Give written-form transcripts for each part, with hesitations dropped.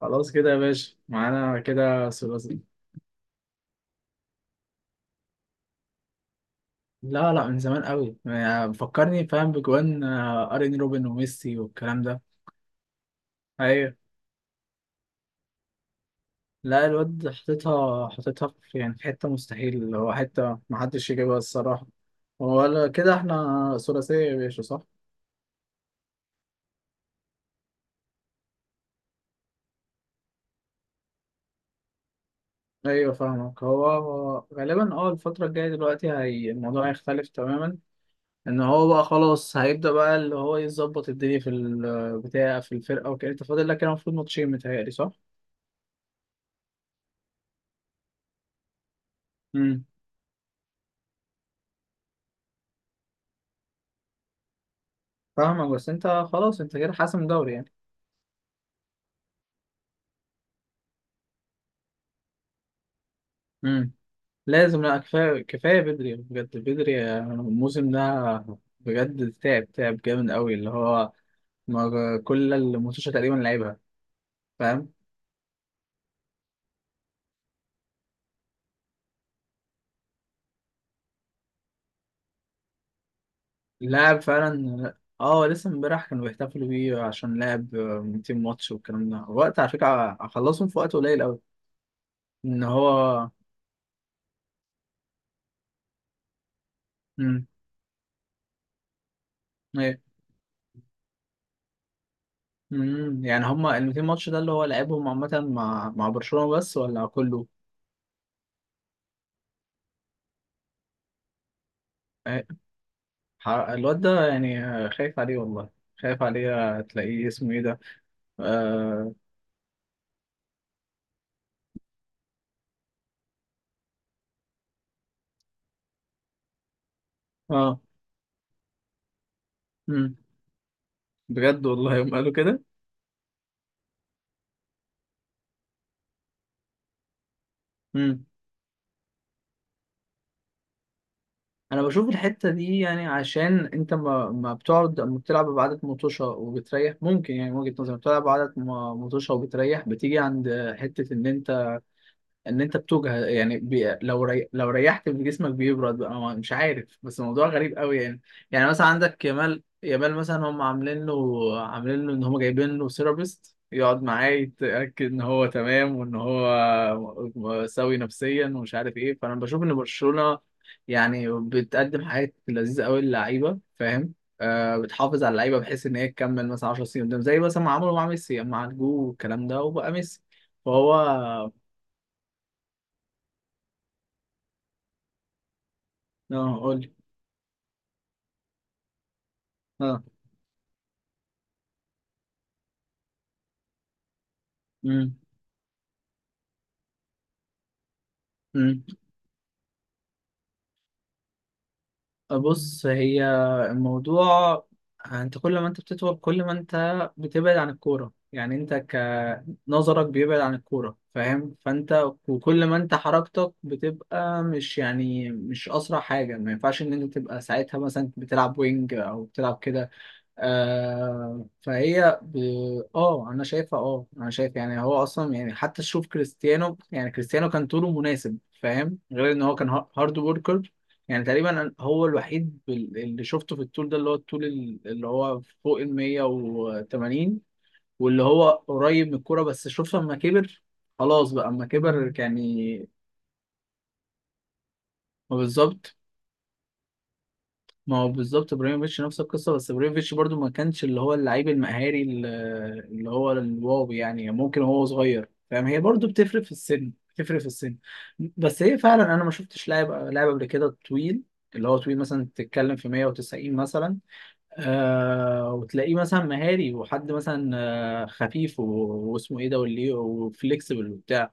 خلاص كده يا باشا، معانا كده ثلاثي. لا، لا، من زمان قوي يعني، بفكرني فاهم بجوان، ارين روبن وميسي والكلام ده. ايوه. لا، الواد حطيتها في، يعني في حته مستحيل، اللي هو حته ما حدش يجيبها الصراحه. ولا كده، احنا ثلاثيه يا باشا، صح؟ ايوه فاهمك. هو غالبا الفتره الجايه دلوقتي، هي الموضوع هيختلف تماما. ان هو بقى خلاص هيبدا بقى اللي هو يظبط الدنيا في البتاع، في الفرقه وكده. انت فاضل لك كده المفروض ماتشين متهيألي، صح؟ مم. فاهمك بس انت. خلاص انت كده حاسم دوري يعني. امم لازم، لا، كفايه كفايه بدري يعني، بجد بدري، الموسم ده. بجد تعب تعب جامد قوي اللي هو، كل الماتشات تقريبا لعبها، فاهم، لاعب فعلا. اه، لسه امبارح كانوا بيحتفلوا بيه عشان لعب 200 ماتش والكلام ده، وقت على فكره اخلصهم في وقت قليل قوي ان هو. امم ايه، يعني هما ال 200 ماتش ده اللي هو لعبهم عامه مع برشلونه بس ولا كله؟ الواد ده يعني، خايف عليه والله، خايف عليه، تلاقيه اسمه ايه ده. اه, آه. مم. بجد والله يوم قالوا كده. مم. انا بشوف الحتة دي، يعني عشان انت ما بتقعد، ما بتلعب بعدد مطوشة وبتريح، ممكن يعني من وجهة نظري بتلعب بعدد مطوشة وبتريح، بتيجي عند حتة ان انت، ان انت بتوجع يعني، لو ريحت من جسمك بيبرد بقى، مش عارف، بس موضوع غريب قوي يعني. يعني مثلا عندك يامال مثلا، هم عاملين له ان هم جايبين له سيرابيست يقعد معاه، يتاكد ان هو تمام وان هو سوي نفسيا ومش عارف ايه. فانا بشوف ان برشلونه يعني بتقدم حاجات لذيذه قوي للعيبه، فاهم. آه، بتحافظ على اللعيبه بحيث ان هي تكمل مثلا 10 سنين قدام، زي مثلا ما عملوا مع ميسي مع الجو والكلام ده، وبقى ميسي. فهو قول. اه امم امم بص، هي الموضوع. انت كل ما انت بتطول، كل ما انت بتبعد عن الكوره، يعني انت كنظرك بيبعد عن الكوره، فاهم. فانت وكل ما انت حركتك بتبقى مش، يعني مش اسرع حاجه، ما ينفعش ان انت تبقى ساعتها مثلا بتلعب وينج او بتلعب كده. آه، اه انا شايفها، انا شايف، يعني هو اصلا يعني، حتى تشوف كريستيانو، يعني كريستيانو كان طوله مناسب، فاهم، غير ان هو كان هارد وركر. يعني تقريبا هو الوحيد اللي شفته في الطول ده، اللي هو الطول اللي هو فوق ال 180، واللي هو قريب من الكوره، بس شوف لما كبر. خلاص بقى اما كبر يعني. بالظبط. ما هو بالظبط ابراهيموفيتش نفس القصه، بس ابراهيموفيتش برضو ما كانش اللي هو اللعيب المهاري اللي هو الواو يعني، ممكن هو صغير، فاهم، هي برضو بتفرق في السن، بتفرق في السن. بس هي فعلا انا ما شفتش لاعب قبل كده طويل، اللي هو طويل مثلا تتكلم في 190 مثلا، وتلاقيه مثلا مهاري وحد مثلا، آه، خفيف واسمه ايه ده، واللي وفليكسبل وبتاع.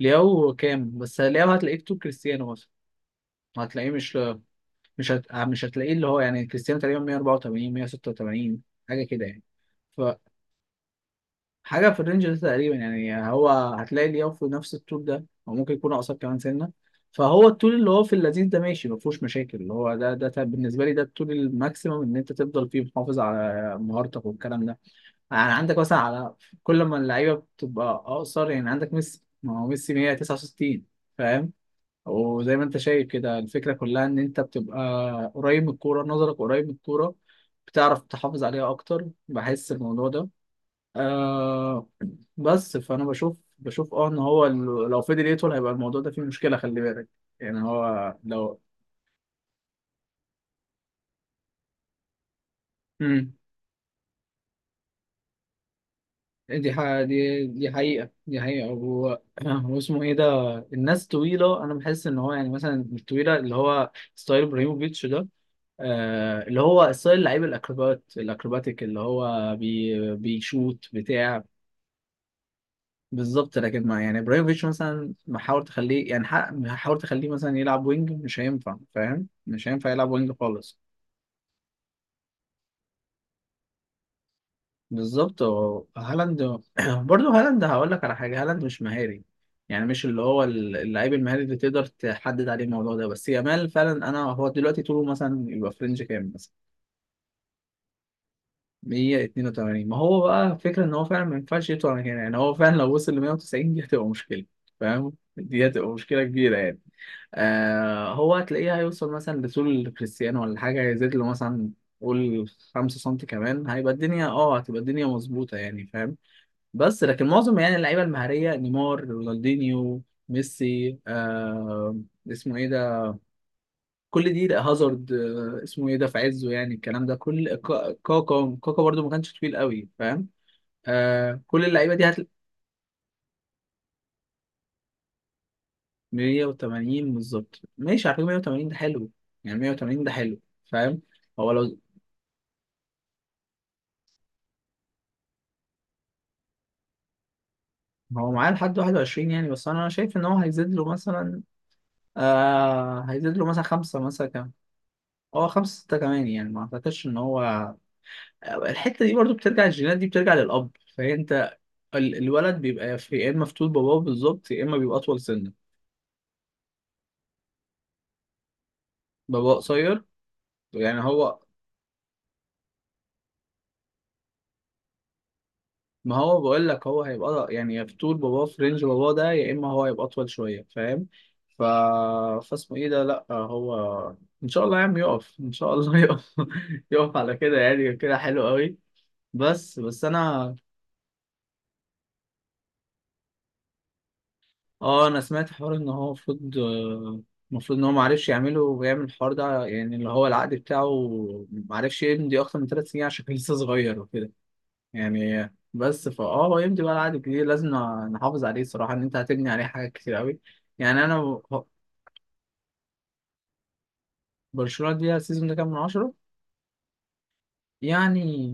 لياو كام؟ بس لياو هتلاقيه في طول كريستيانو مثلا، هتلاقيه مش، مش هتلاقيه اللي هو يعني، كريستيانو تقريبا 184 186، حاجه كده يعني. فحاجه في الرينج ده تقريبا يعني، هو هتلاقي لياو في نفس الطول ده او ممكن يكون اقصر كمان سنه. فهو الطول اللي هو في اللذيذ ده ماشي، ما فيهوش مشاكل اللي هو بالنسبه لي ده الطول الماكسيمم ان انت تفضل فيه محافظ على مهارتك والكلام ده. يعني عندك مثلا على، كل ما اللعيبه بتبقى اقصر، يعني عندك ميسي، ما هو ميسي 169، فاهم، وزي ما انت شايف كده الفكرة كلها ان انت بتبقى قريب من الكورة، نظرك قريب من الكورة، بتعرف تحافظ عليها اكتر، بحس الموضوع ده. آه، بس فانا بشوف ان هو لو فضل يطول هيبقى الموضوع ده فيه مشكلة، خلي بالك. يعني هو لو. امم دي حقيقة، دي حقيقة. هو هو اسمه ايه ده. الناس طويلة، انا بحس ان هو يعني مثلا الطويلة اللي هو ستايل ابراهيموفيتش ده، اللي هو ستايل لعيب الاكروبات الاكروباتيك اللي هو بيشوت بتاع. بالظبط، لكن ما يعني ابراهيموفيتش مثلا محاول تخليه يعني، حاول تخليه مثلا يلعب وينج، مش هينفع، فاهم، مش هينفع يلعب وينج خالص. بالظبط. هو هالاند. برضه هالاند هقول لك على حاجه، هالاند مش مهاري، يعني مش اللي هو اللعيب المهاري اللي تقدر تحدد عليه الموضوع ده. بس يامال فعلا، انا هو دلوقتي طوله مثلا يبقى فرنج كام، 182. ما هو بقى فكرة ان هو فعلا ما ينفعش يطلع من هنا، يعني هو فعلا لو وصل ل 190 دي هتبقى مشكلة، فاهم، دي هتبقى مشكلة كبيرة يعني. آه، هو هتلاقيه هيوصل مثلا لطول كريستيانو، ولا حاجة هيزيد له مثلا، قول، 5 سم كمان، هيبقى الدنيا اه هتبقى الدنيا مظبوطة، يعني فاهم. بس لكن معظم يعني اللعيبة المهارية، نيمار، رونالدينيو، ميسي، اسمه ايه ده كل دي، لا، هازارد، اسمه ايه ده في عزه يعني، الكلام ده كل، كاكا، كاكا برضو ما كانش طويل قوي، فاهم، آه، كل اللعيبه دي هتلاقي 180 بالظبط. ماشي، على فكره 180 ده حلو، يعني 180 ده حلو، فاهم. هو لو. هو معاه لحد 21 يعني، بس انا شايف ان هو هيزيد له مثلا، آه هيزيد له مثلا خمسه مثلا كام. هو خمسه سته كمان يعني، ما اعتقدش ان هو. الحته دي برضو بترجع، الجينات دي بترجع للاب، فانت الولد بيبقى في يا اما في طول باباه بالظبط، يا اما بيبقى اطول سنه. باباه قصير يعني هو. ما هو بقول لك هو هيبقى يعني، يا في طول باباه، في رينج باباه ده، يا اما هو هيبقى اطول شويه، فاهم. ف فاسمه ايه ده. لا هو، ان شاء الله يا عم يقف، ان شاء الله يقف. يقف على كده يعني، كده حلو قوي. بس بس انا، اه انا سمعت حوار ان هو المفروض، ان هو ما عرفش يعمله ويعمل الحوار ده، يعني اللي هو العقد بتاعه ما عرفش يمضي اكتر من 3 سنين عشان كان لسه صغير يعني. بس فاه هو يمضي بقى العقد الجديد، لازم نحافظ عليه الصراحه، ان انت هتبني عليه حاجات كتير قوي يعني. انا برشلونه دي السيزون ده كام من عشرة؟ يعني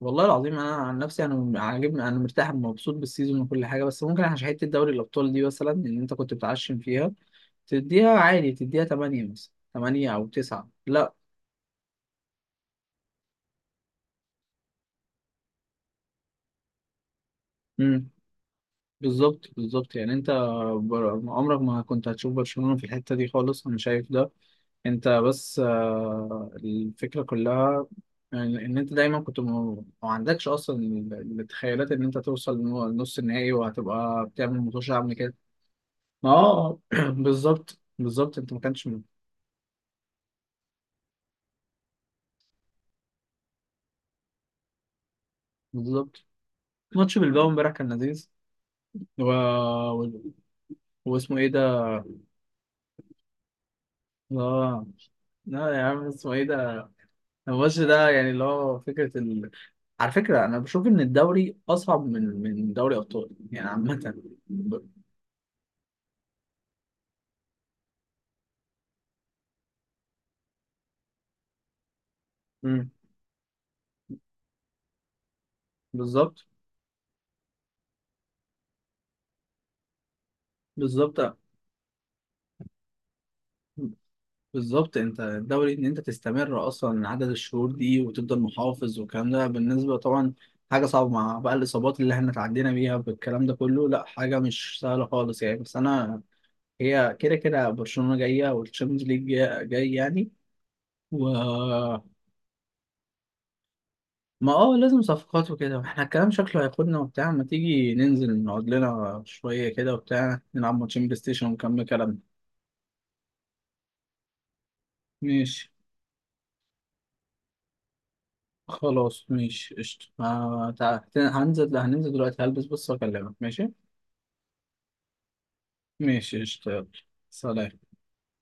والله العظيم انا عن نفسي انا عاجبني، انا مرتاح ومبسوط بالسيزون وكل حاجه، بس ممكن عشان حته دوري الابطال دي مثلا اللي انت كنت بتعشم فيها، تديها عادي، تديها 8 مثلا، 8 او 9. لا، بالظبط، بالظبط يعني انت، عمرك ما كنت هتشوف برشلونة في الحتة دي خالص، انا شايف ده. انت بس، الفكرة كلها ان، انت دايما كنت ما عندكش اصلا التخيلات ان انت توصل لنص النهائي وهتبقى بتعمل ماتش عامل كده. ما اه بالظبط، بالظبط انت ما كانش بالظبط. ماتش بالباو امبارح كان لذيذ. و... و... واسمه ايه ده. اه لا يا عم، اسمه ايه ده. الماتش ده يعني اللي هو فكرة، على فكرة أنا بشوف إن الدوري أصعب من دوري أبطال يعني عامة. ب- امم بالظبط، بالظبط، بالظبط أنت الدوري، إن أنت تستمر أصلا عدد الشهور دي وتفضل محافظ والكلام ده، بالنسبة طبعا حاجة صعبة مع بقى الإصابات اللي إحنا اتعدينا بيها بالكلام ده كله، لأ حاجة مش سهلة خالص يعني، بس أنا هي كده كده برشلونة جاية والتشامبيونز ليج جاي جاي يعني. و ما اه لازم صفقات وكده، احنا الكلام شكله هياخدنا وبتاع، ما تيجي ننزل نقعد لنا شوية كده وبتاع، نلعب ماتشين بلاي ستيشن ونكمل كلامنا. ماشي. خلاص ماشي قشطة، هننزل هننزل دلوقتي، هلبس بس واكلمك، ماشي. ماشي قشطة، يلا. سلام.